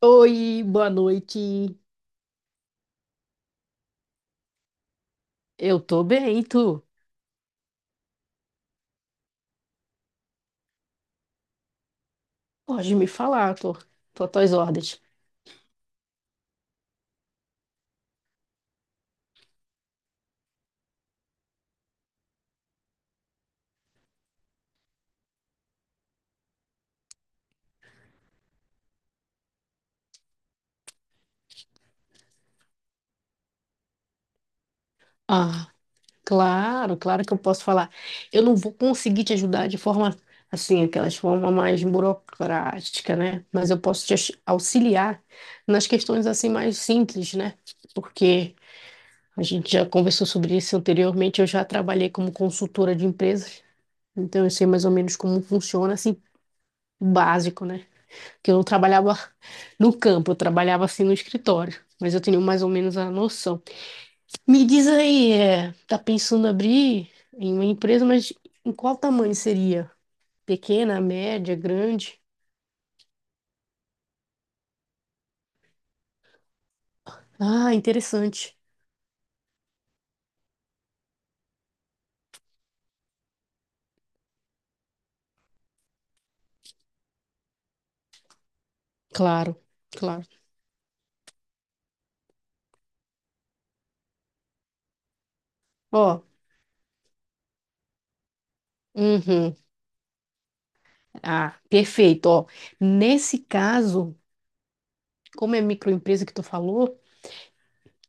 Oi, boa noite. Eu tô bem, tu? Pode me falar, tô às tuas ordens. Ah, claro que eu posso falar. Eu não vou conseguir te ajudar de forma assim, aquelas forma mais burocrática, né? Mas eu posso te auxiliar nas questões assim mais simples, né? Porque a gente já conversou sobre isso anteriormente, eu já trabalhei como consultora de empresas, então eu sei mais ou menos como funciona assim, o básico, né? Que eu não trabalhava no campo, eu trabalhava assim no escritório, mas eu tenho mais ou menos a noção. Me diz aí, tá pensando abrir em uma empresa, mas em qual tamanho seria? Pequena, média, grande? Ah, interessante. Claro, claro. Ó, uhum. Ah, perfeito. Ó, nesse caso, como é microempresa que tu falou,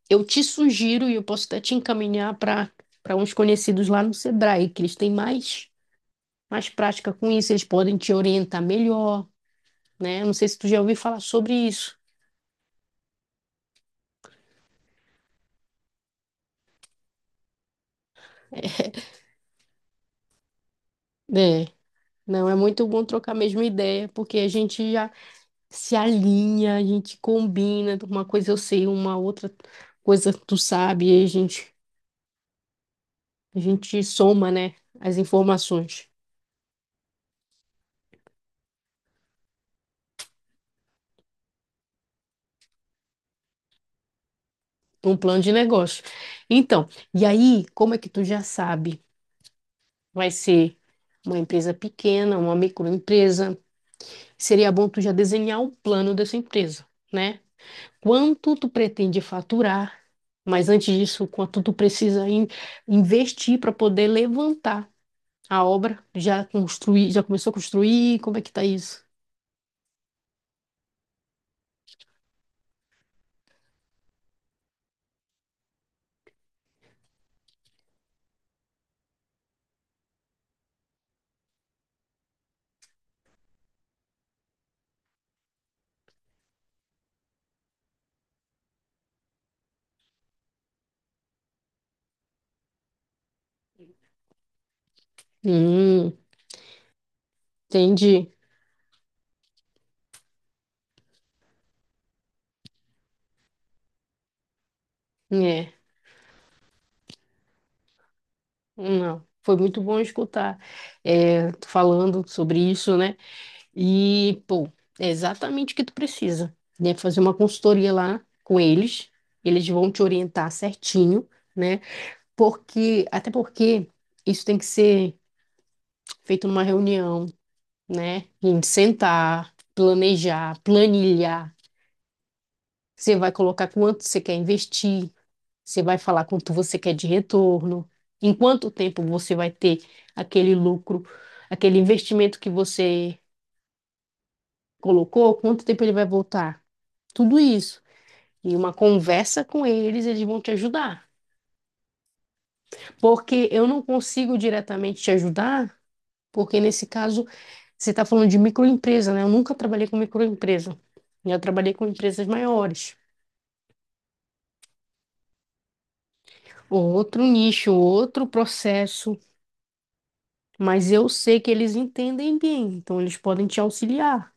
eu te sugiro e eu posso até te encaminhar para uns conhecidos lá no Sebrae, que eles têm mais prática com isso, eles podem te orientar melhor, né? Não sei se tu já ouviu falar sobre isso. É, não, é muito bom trocar a mesma ideia, porque a gente já se alinha, a gente combina, uma coisa eu sei, uma outra coisa tu sabe, e a gente soma, né, as informações, um plano de negócio. Então, e aí, como é que tu já sabe? Vai ser uma empresa pequena, uma microempresa, seria bom tu já desenhar o plano dessa empresa, né? Quanto tu pretende faturar, mas antes disso, quanto tu precisa investir para poder levantar a obra? Já construir, já começou a construir? Como é que tá isso? Hum, entendi. É, não. Foi muito bom escutar tu falando sobre isso, né? E, pô, é exatamente o que tu precisa, né? Fazer uma consultoria lá com eles, eles vão te orientar certinho, né? Porque, até porque isso tem que ser feito numa reunião, né? A gente sentar, planejar, planilhar. Você vai colocar quanto você quer investir, você vai falar quanto você quer de retorno, em quanto tempo você vai ter aquele lucro, aquele investimento que você colocou, quanto tempo ele vai voltar. Tudo isso. E uma conversa com eles, eles vão te ajudar. Porque eu não consigo diretamente te ajudar. Porque nesse caso, você está falando de microempresa, né? Eu nunca trabalhei com microempresa. Eu trabalhei com empresas maiores. Outro nicho, outro processo. Mas eu sei que eles entendem bem, então eles podem te auxiliar.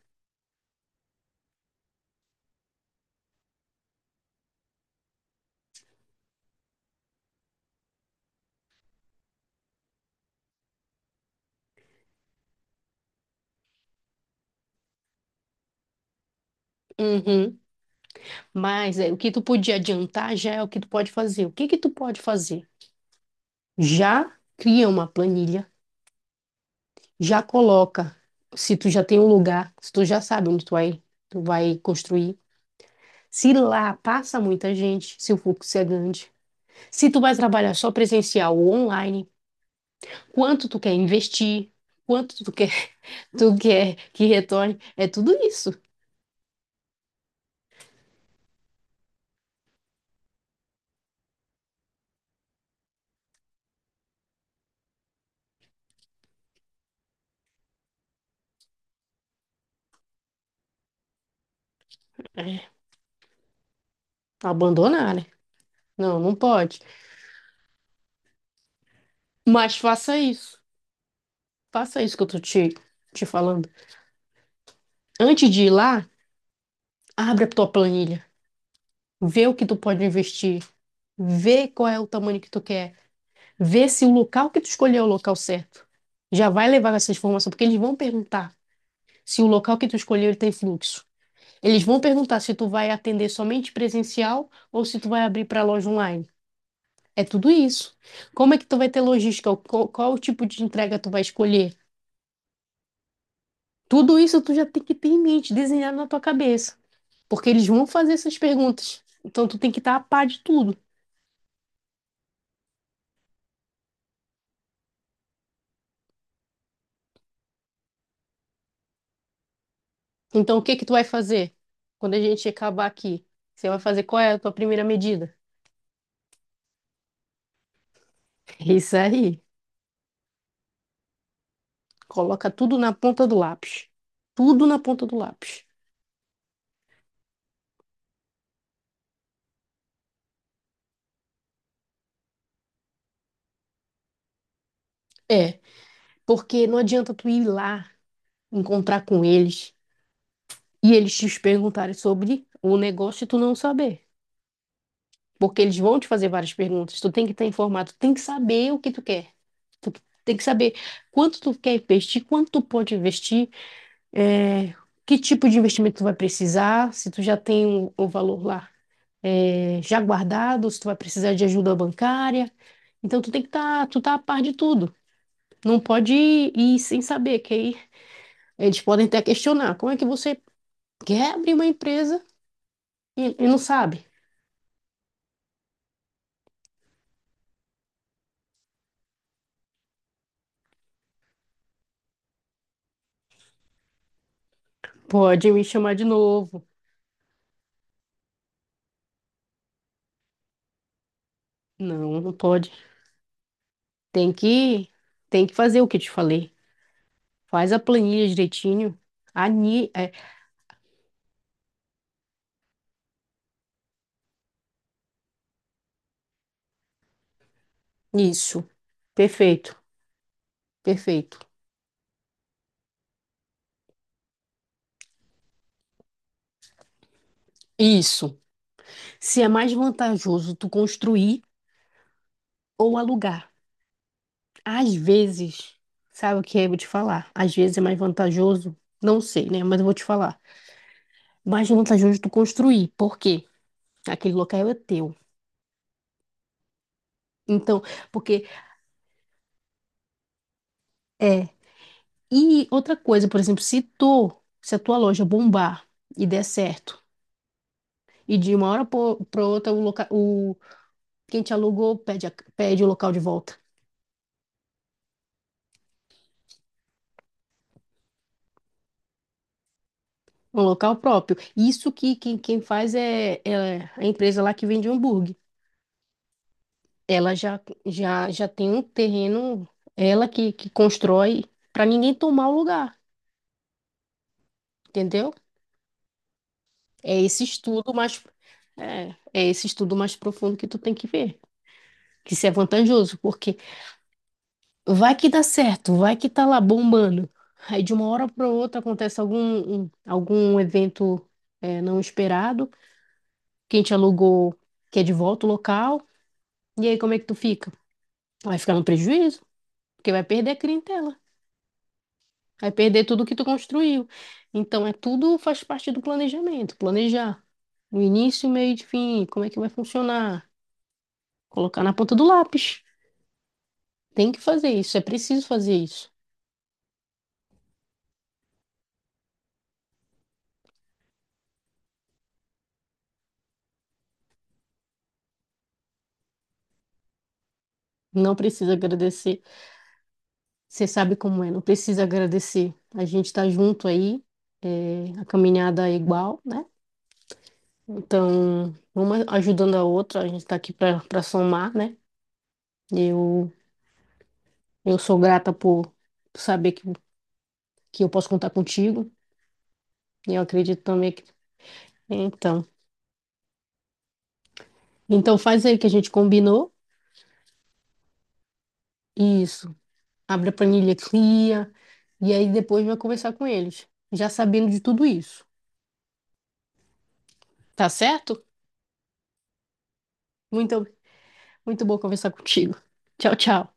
Uhum. Mas é, o que tu podia adiantar já é o que tu pode fazer. O que que tu pode fazer? Já cria uma planilha, já coloca. Se tu já tem um lugar, se tu já sabe onde tu vai construir. Se lá passa muita gente, se o fluxo é grande, se tu vai trabalhar só presencial ou online, quanto tu quer investir, quanto tu quer, tu quer que retorne, é tudo isso. É, abandonar, né? Não, não pode. Mas faça isso. Faça isso que eu tô te falando. Antes de ir lá, abre a tua planilha. Vê o que tu pode investir. Vê qual é o tamanho que tu quer. Vê se o local que tu escolheu é o local certo. Já vai levar essa informação, porque eles vão perguntar se o local que tu escolheu ele tem fluxo. Eles vão perguntar se tu vai atender somente presencial ou se tu vai abrir para loja online. É tudo isso. Como é que tu vai ter logística? Qual o tipo de entrega tu vai escolher? Tudo isso tu já tem que ter em mente, desenhado na tua cabeça, porque eles vão fazer essas perguntas. Então tu tem que estar a par de tudo. Então o que que tu vai fazer quando a gente acabar aqui? Você vai fazer qual é a tua primeira medida? É isso aí. Coloca tudo na ponta do lápis. Tudo na ponta do lápis. É, porque não adianta tu ir lá encontrar com eles e eles te perguntarem sobre o negócio e tu não saber. Porque eles vão te fazer várias perguntas, tu tem que estar informado, tu tem que saber o que tu quer. Tu tem que saber quanto tu quer investir, quanto tu pode investir, é, que tipo de investimento tu vai precisar, se tu já tem o valor lá já guardado, se tu vai precisar de ajuda bancária. Então tu tem que estar, tu tá a par de tudo. Não pode ir sem saber, que aí eles podem até questionar. Como é que você quer abrir uma empresa e não sabe. Pode me chamar de novo. Não, não pode. Tem que, tem que fazer o que eu te falei. Faz a planilha direitinho. Ani, é, isso. Perfeito, perfeito. Isso. Se é mais vantajoso tu construir ou alugar. Às vezes, sabe o que eu vou te falar? Às vezes é mais vantajoso, não sei, né? Mas eu vou te falar. Mais vantajoso tu construir. Por quê? Aquele local é teu. Então, porque é, e outra coisa, por exemplo, se a tua loja bombar e der certo, e de uma hora para outra o quem te alugou pede o local de volta, um local próprio. Isso que quem faz é a empresa lá que vende hambúrguer. Ela já tem um terreno, ela que constrói para ninguém tomar o lugar, entendeu? É esse é esse estudo mais profundo que tu tem que ver, que isso é vantajoso, porque vai que dá certo, vai que tá lá bombando. Aí de uma hora para outra acontece algum evento não esperado, quem te alugou quer de volta o local, e aí como é que tu fica? Vai ficar no prejuízo, porque vai perder a clientela, vai perder tudo que tu construiu. Então é tudo faz parte do planejamento, planejar o início, o meio e o fim, como é que vai funcionar, colocar na ponta do lápis. Tem que fazer isso, é preciso fazer isso. Não precisa agradecer. Você sabe como é, não precisa agradecer. A gente está junto aí, é, a caminhada é igual, né? Então, uma ajudando a outra, a gente está aqui para somar, né? Eu, eu sou grata por saber que eu posso contar contigo, e eu acredito também que. Então, então faz aí o que a gente combinou, isso. Abre a planilha, cria, e aí depois vai conversar com eles, já sabendo de tudo isso, tá certo? Muito, muito bom conversar contigo. Tchau, tchau.